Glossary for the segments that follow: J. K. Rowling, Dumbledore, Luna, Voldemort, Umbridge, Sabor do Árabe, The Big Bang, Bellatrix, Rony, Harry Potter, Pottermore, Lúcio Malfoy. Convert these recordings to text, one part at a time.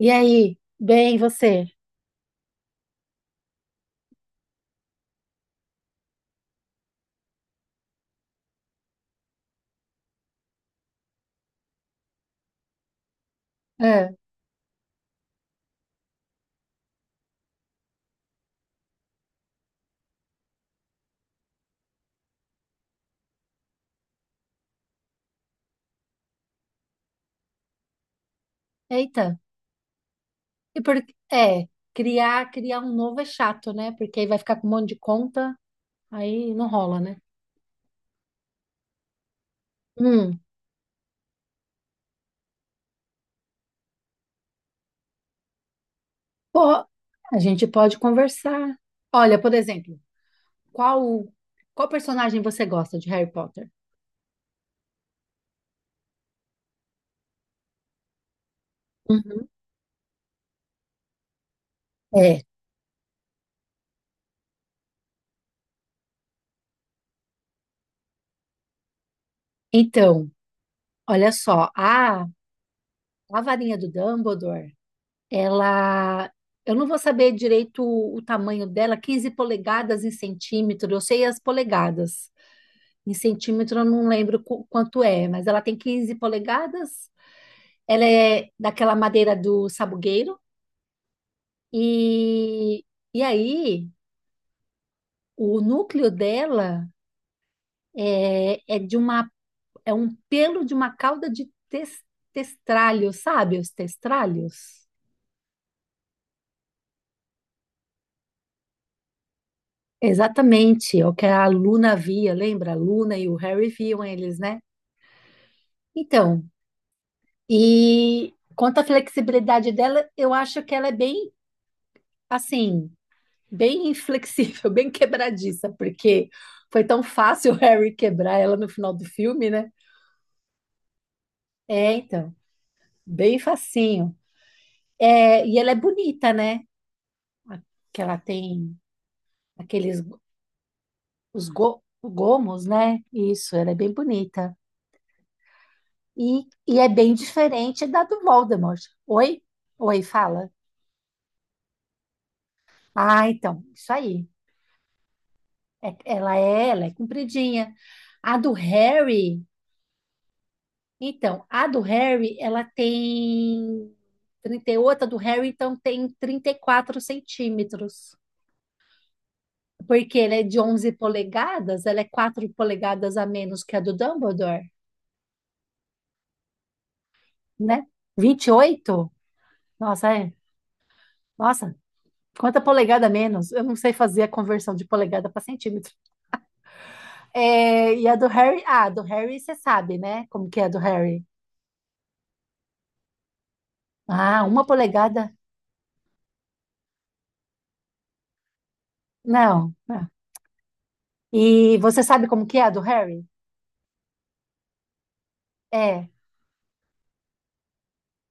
E aí? Bem, e você? Ah. Eita. E por... É, criar um novo é chato, né? Porque aí vai ficar com um monte de conta, aí não rola, né? Hum, Pô, a gente pode conversar. Olha, por exemplo, qual, qual personagem você gosta de Harry Potter? Uhum. É, então, olha só, a varinha do Dumbledore, ela, eu não vou saber direito o tamanho dela. 15 polegadas em centímetro, eu sei as polegadas. Em centímetro, eu não lembro quanto é, mas ela tem 15 polegadas. Ela é daquela madeira do sabugueiro. E, e aí, o núcleo dela é de uma, é um pelo de uma cauda de testralho, sabe? Os testralhos. Exatamente, é o que a Luna via, lembra? A Luna e o Harry viam eles, né? Então, e quanto à flexibilidade dela, eu acho que ela é bem assim. Bem inflexível, bem quebradiça, porque foi tão fácil o Harry quebrar ela no final do filme, né? É, então, bem facinho. É, e ela é bonita, né? A- Que ela tem aqueles os gomos, né? Isso, ela é bem bonita. E é bem diferente da do Voldemort. Oi? Oi, fala. Ah, então, isso aí. Ela é compridinha. A do Harry. Então, a do Harry, ela tem 38. A do Harry, então, tem 34 centímetros. Porque ela é de 11 polegadas, ela é 4 polegadas a menos que a do Dumbledore, né? 28? Nossa, é. Nossa, quanta polegada a menos? Eu não sei fazer a conversão de polegada para centímetro. É, e a do Harry? Ah, a do Harry você sabe, né? Como que é a do Harry? Ah, uma polegada? Não. Não. E você sabe como que é a do Harry? É,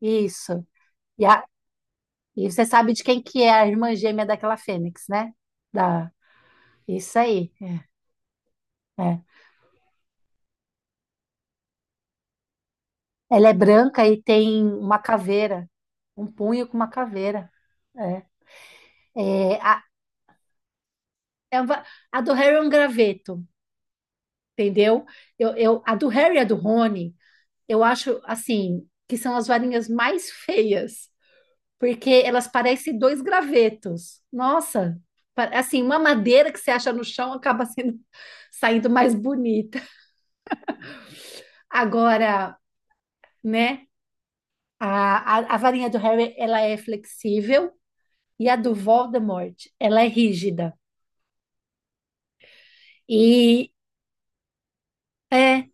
isso. E, a- e você sabe de quem que é a irmã gêmea daquela fênix, né? Da, isso aí. É. Ela é branca e tem uma caveira, um punho com uma caveira. É, É, a, é, a do Harry é um graveto, entendeu? Eu, a do Harry e a do Rony, eu acho assim que são as varinhas mais feias, porque elas parecem dois gravetos. Nossa, assim, uma madeira que você acha no chão acaba sendo saindo mais bonita. Agora, né? A varinha do Harry, ela é flexível e a do Voldemort, ela é rígida. E é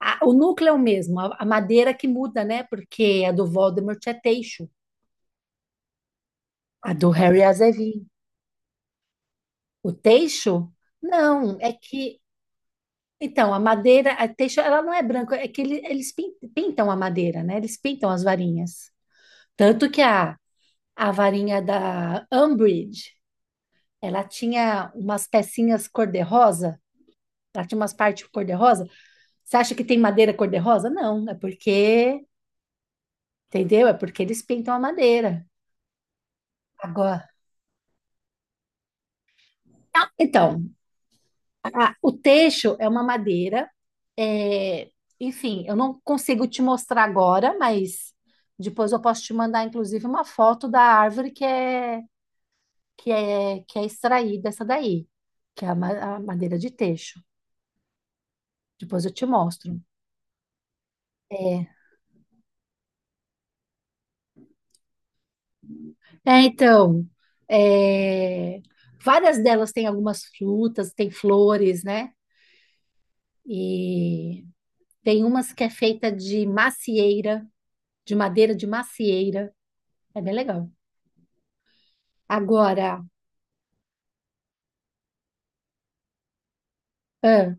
o núcleo é o mesmo, a madeira que muda, né? Porque a do Voldemort é teixo, a do Harry é azevinho. O teixo, não, é que... Então, a madeira, a teixo, ela não é branca, é que eles pintam a madeira, né? Eles pintam as varinhas. Tanto que a varinha da Umbridge, ela tinha umas pecinhas cor-de-rosa. Ela tinha umas partes cor-de-rosa. Você acha que tem madeira cor-de-rosa? Não, é porque, entendeu? É porque eles pintam a madeira. Agora, então, o teixo é uma madeira. É, enfim, eu não consigo te mostrar agora, mas depois eu posso te mandar, inclusive, uma foto da árvore que é que é extraída essa daí, que é a madeira de teixo. Depois eu te mostro. É, É, então, é, várias delas têm algumas frutas, tem flores, né? E tem umas que é feita de macieira, de madeira de macieira. É bem legal. Agora, ah,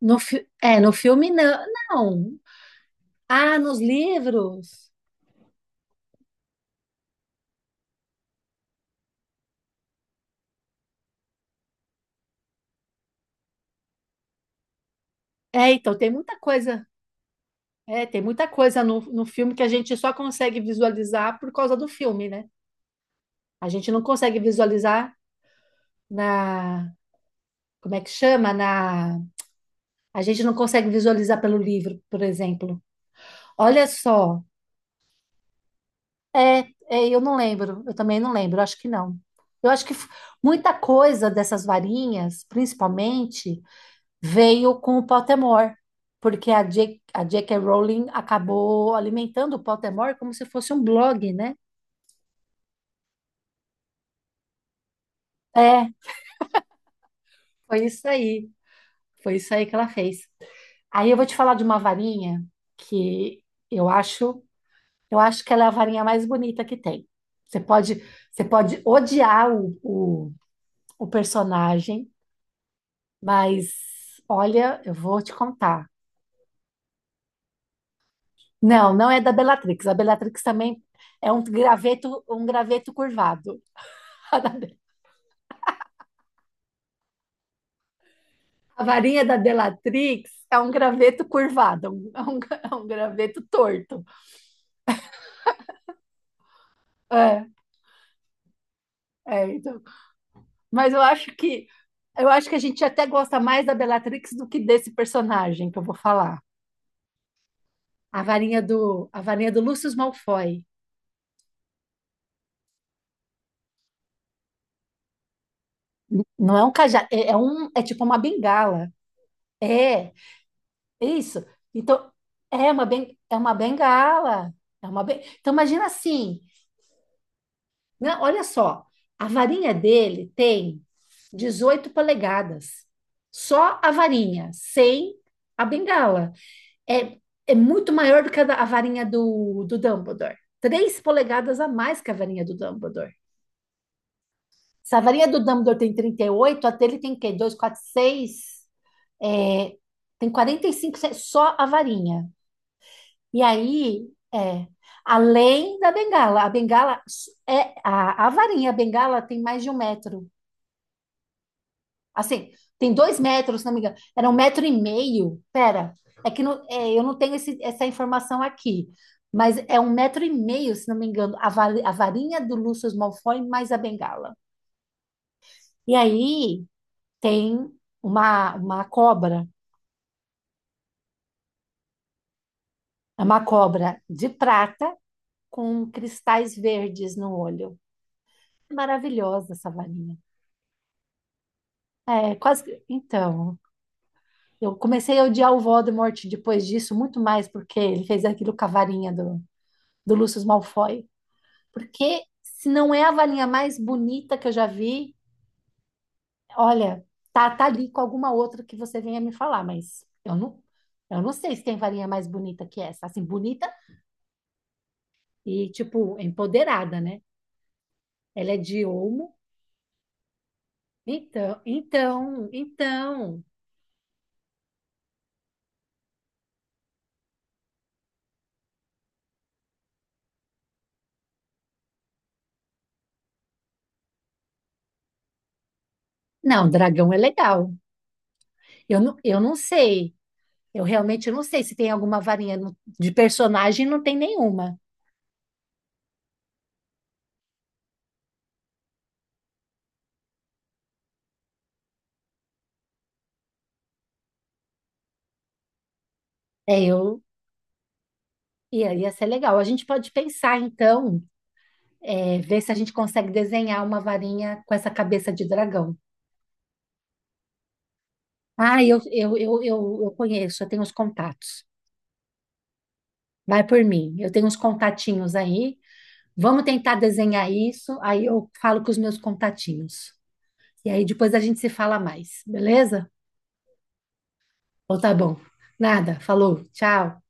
no filme não, não. Ah, nos livros. É, então, tem muita coisa. É, tem muita coisa no filme que a gente só consegue visualizar por causa do filme, né? A gente não consegue visualizar na, como é que chama? Na A gente não consegue visualizar pelo livro, por exemplo. Olha só. É, é, eu não lembro. Eu também não lembro. Acho que não. Eu acho que muita coisa dessas varinhas, principalmente, veio com o Pottermore, porque a J. K. Rowling acabou alimentando o Pottermore como se fosse um blog, né? É, foi isso aí. Foi isso aí que ela fez. Aí eu vou te falar de uma varinha que eu acho Eu acho que ela é a varinha mais bonita que tem. Você pode, você pode odiar o personagem, mas olha, eu vou te contar. Não, não é da Bellatrix. A Bellatrix também é um graveto curvado. A, da Be- a varinha da Bellatrix é um graveto curvado, é um graveto torto. É, é, então. Mas eu acho que a gente até gosta mais da Bellatrix do que desse personagem que eu vou falar. A varinha do Lúcio Malfoy. Não é um cajado, é tipo uma bengala. É, é isso. Então, é uma bengala. Então, imagina assim, né? Olha só, a varinha dele tem 18 polegadas. Só a varinha, sem a bengala. É, é muito maior do que a varinha do Dumbledore. Três polegadas a mais que a varinha do Dumbledore. Savaria do Dumbledore tem 38, a dele tem o quê? 2, 4, 6, é, tem 45 só a varinha. E aí, é, além da bengala, a bengala é a varinha, a bengala tem mais de um metro. Assim, tem dois metros, se não me engano. Era um metro e meio. Pera, é que não- é, eu não tenho essa informação aqui. Mas é um metro e meio, se não me engano, a varinha do Lúcio Malfoy mais a bengala. E aí, tem uma cobra, é uma cobra de prata com cristais verdes no olho. Maravilhosa essa varinha. É, quase. Então, eu comecei a odiar o Voldemort depois disso, muito mais porque ele fez aquilo com a varinha do, Lúcio Malfoy. Porque se não é a varinha mais bonita que eu já vi, olha, tá, tá ali com alguma outra que você venha me falar, mas eu não sei se tem varinha mais bonita que essa. Assim, bonita e, tipo, empoderada, né? Ela é de Olmo. Então. Não, dragão é legal. Eu não sei. Eu realmente não sei se tem alguma varinha de personagem, não tem nenhuma. É, eu ia ser legal. A gente pode pensar, então, ver se a gente consegue desenhar uma varinha com essa cabeça de dragão. Ah, eu conheço, eu tenho os contatos. Vai por mim. Eu tenho uns contatinhos aí. Vamos tentar desenhar isso. Aí eu falo com os meus contatinhos. E aí depois a gente se fala mais, beleza? Então tá bom. Nada, falou, tchau.